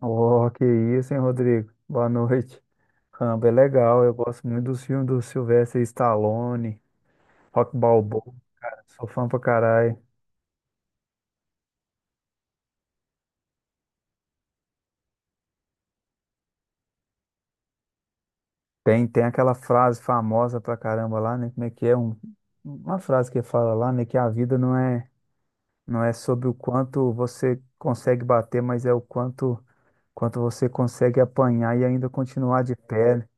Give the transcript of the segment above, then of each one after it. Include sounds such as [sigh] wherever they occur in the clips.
Oh, que isso, hein, Rodrigo? Boa noite. Rambo é legal, eu gosto muito dos filmes do Sylvester Stallone, Rock Balboa, cara, sou fã pra caralho. Tem aquela frase famosa pra caramba lá, né? Como é que é? Uma frase que fala lá, né? Que a vida não é sobre o quanto você consegue bater, mas é o quanto você consegue apanhar e ainda continuar de pé, né?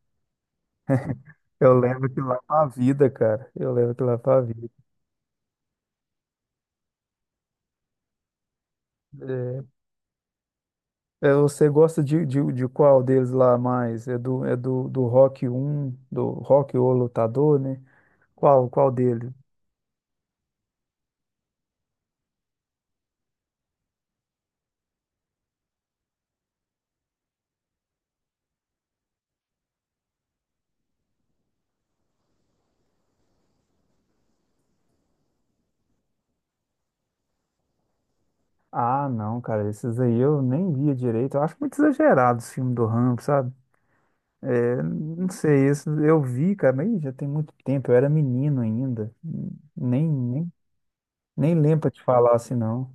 Eu levo aquilo lá pra vida, cara. Eu levo aquilo lá pra vida. É. É, você gosta de qual deles lá mais? Do Rock, um do Rock O Lutador, né? Qual dele? Ah, não, cara, esses aí eu nem via direito. Eu acho muito exagerado os filmes do Rambo, sabe? É, não sei, isso eu vi, cara, mas já tem muito tempo, eu era menino ainda. Nem, nem, nem lembro pra te falar assim, não.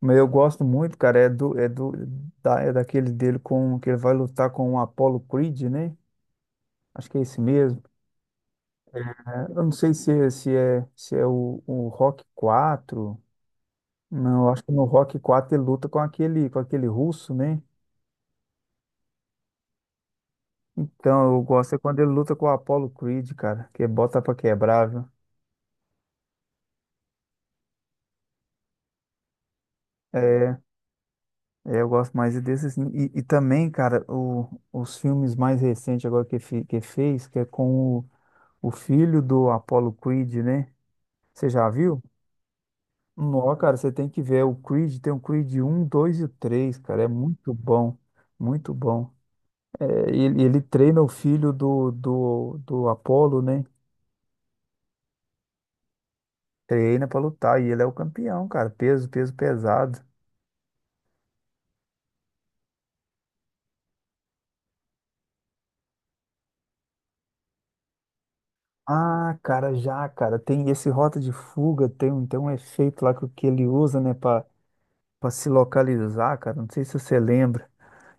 Mas eu gosto muito, cara, é daquele dele com, que ele vai lutar com o Apollo Creed, né? Acho que é esse mesmo. Eu não sei se é o Rock quatro. Não, eu acho que no Rock 4 ele luta com com aquele russo, né? Então, eu gosto é quando ele luta com o Apollo Creed, cara, que é bota pra quebrar, viu? É, eu gosto mais desses. E também, cara, os filmes mais recentes agora que fez, que é com o filho do Apollo Creed, né? Você já viu? Não, cara, você tem que ver. O Creed tem o Creed um, 2 e o 3, cara. É muito bom. Muito bom. É, ele treina o filho do Apolo, né? Treina pra lutar e ele é o campeão, cara. Peso pesado. Ah, cara, já, cara, tem esse Rota de Fuga, tem, tem um efeito lá que ele usa, né, pra, pra se localizar, cara, não sei se você lembra,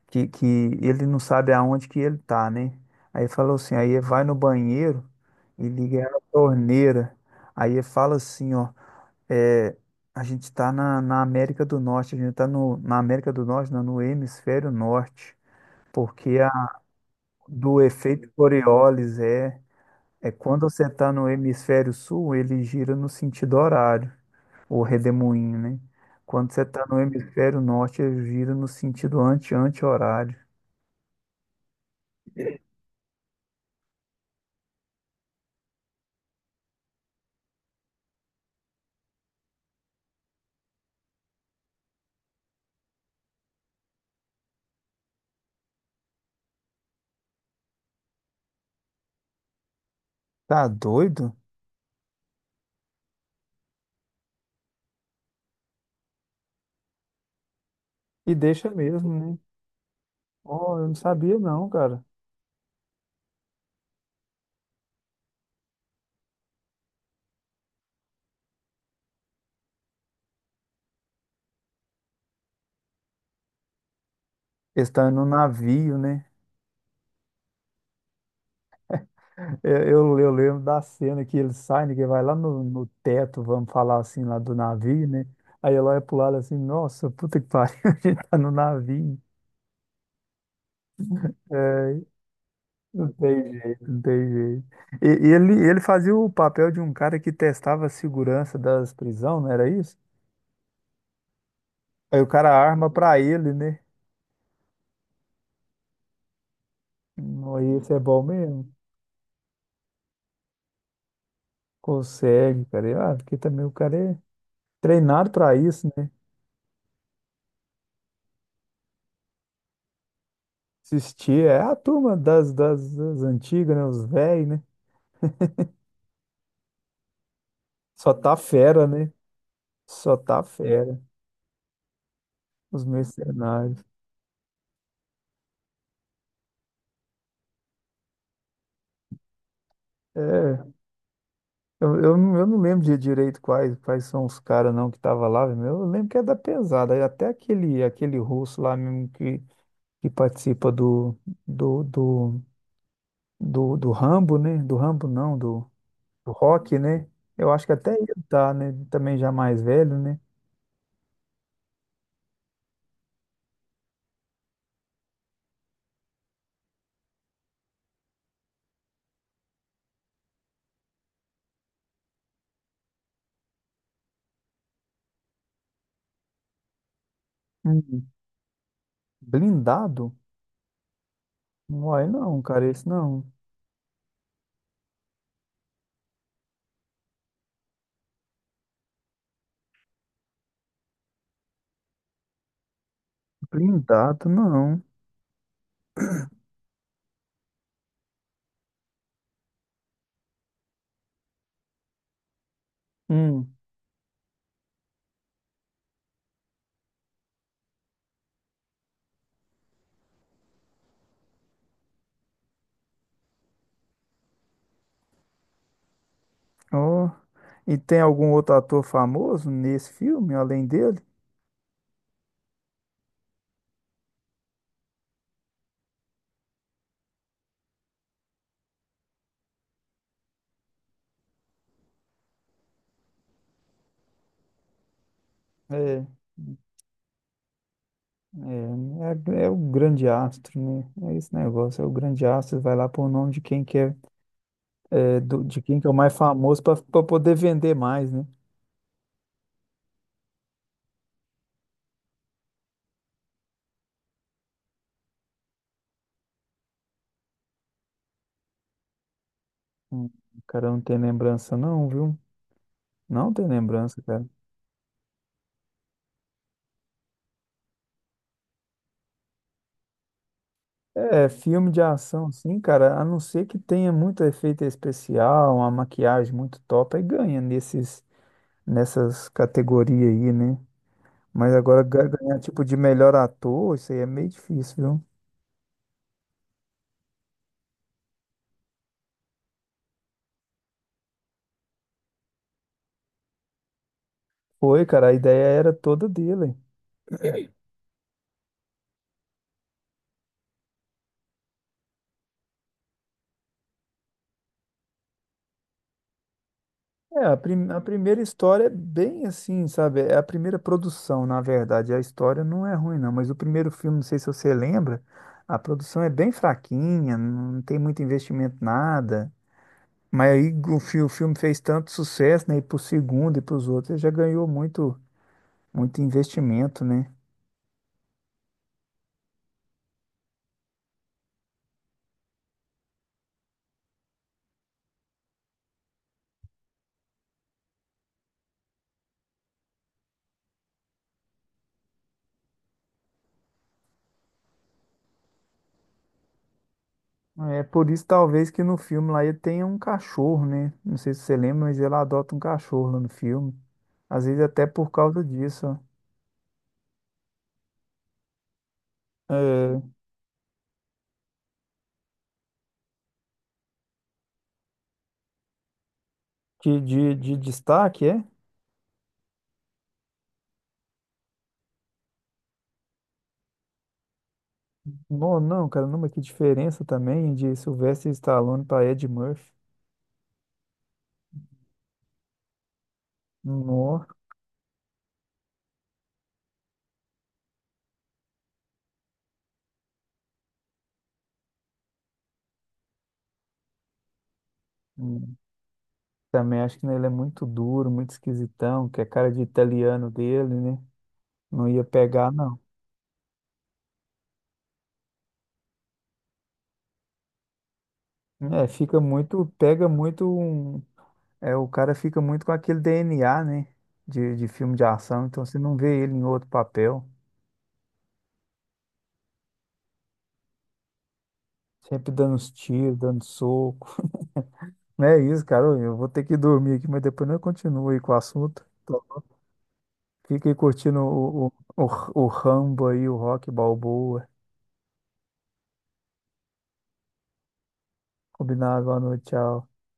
que ele não sabe aonde que ele tá, né? Aí falou assim, aí vai no banheiro e liga a torneira, aí fala assim, ó. É, a gente está na América do Norte, a gente está no, na América do Norte, não, no hemisfério norte, porque a, do efeito Coriolis é, é quando você está no hemisfério sul, ele gira no sentido horário, o redemoinho, né? Quando você está no hemisfério norte, ele gira no sentido anti-anti-horário. Tá doido? E deixa mesmo, né? Ó, eu não sabia não, cara. Está no navio, né? Eu, eu lembro da cena que ele sai, né, que vai lá no, no teto, vamos falar assim, lá do navio, né? Aí ela olha pro lado assim, nossa, puta que pariu, [laughs] a gente tá no navio. É, não tem jeito, não tem jeito. Ele fazia o papel de um cara que testava a segurança das prisões, não era isso? Aí o cara arma pra ele, né? Não, aí isso é bom mesmo? Consegue, cara. E, ah, porque também o cara é treinado pra isso, né? Assistir, é a turma das antigas, né? Os velhos, né? Só tá fera, né? Só tá fera. Os mercenários. É, eu não lembro de direito quais são os caras não que tava lá, meu. Eu lembro que é da pesada, e até aquele, aquele russo lá mesmo que participa do, do, do Rambo, né? Do Rambo não, do do Rock, né? Eu acho que até ele tá, né? Também já mais velho, né? Hum, blindado? Uai, não, cara, esse não. Blindado, não. Hum. Ó. E tem algum outro ator famoso nesse filme, além dele? É, é, é o grande astro, né? É esse negócio, é o grande astro, vai lá pôr o nome de quem que é, é, de quem que é o mais famoso para poder vender mais, né? Hum, o cara não tem lembrança não, viu? Não tem lembrança, cara. É, filme de ação, sim, cara, a não ser que tenha muito efeito especial, uma maquiagem muito top, aí ganha nessas categorias aí, né? Mas agora ganhar tipo de melhor ator, isso aí é meio difícil, viu? Foi, cara, a ideia era toda dele. É, a primeira história é bem assim, sabe? É a primeira produção, na verdade. A história não é ruim, não, mas o primeiro filme, não sei se você lembra, a produção é bem fraquinha, não tem muito investimento, nada. Mas aí o filme fez tanto sucesso, né? E pro segundo e pros outros, ele já ganhou muito investimento, né? É por isso, talvez, que no filme lá ele tenha um cachorro, né? Não sei se você lembra, mas ele adota um cachorro lá no filme. Às vezes até por causa disso, ó. É, que de destaque, é? Não, não, cara, não, mas que diferença também de Sylvester Stallone para Ed Murphy. Nó. Hum. Também acho que, né, ele é muito duro, muito esquisitão, que é cara de italiano dele, né? Não ia pegar, não. É, fica muito, pega muito um. É, o cara fica muito com aquele DNA, né? De filme de ação, então você não vê ele em outro papel. Sempre dando uns tiros, dando soco. Não é isso, cara. Eu vou ter que dormir aqui, mas depois eu continuo aí com o assunto. Então, fica aí curtindo o Rambo aí, o Rock Balboa. Combinado, boa noite, tchau.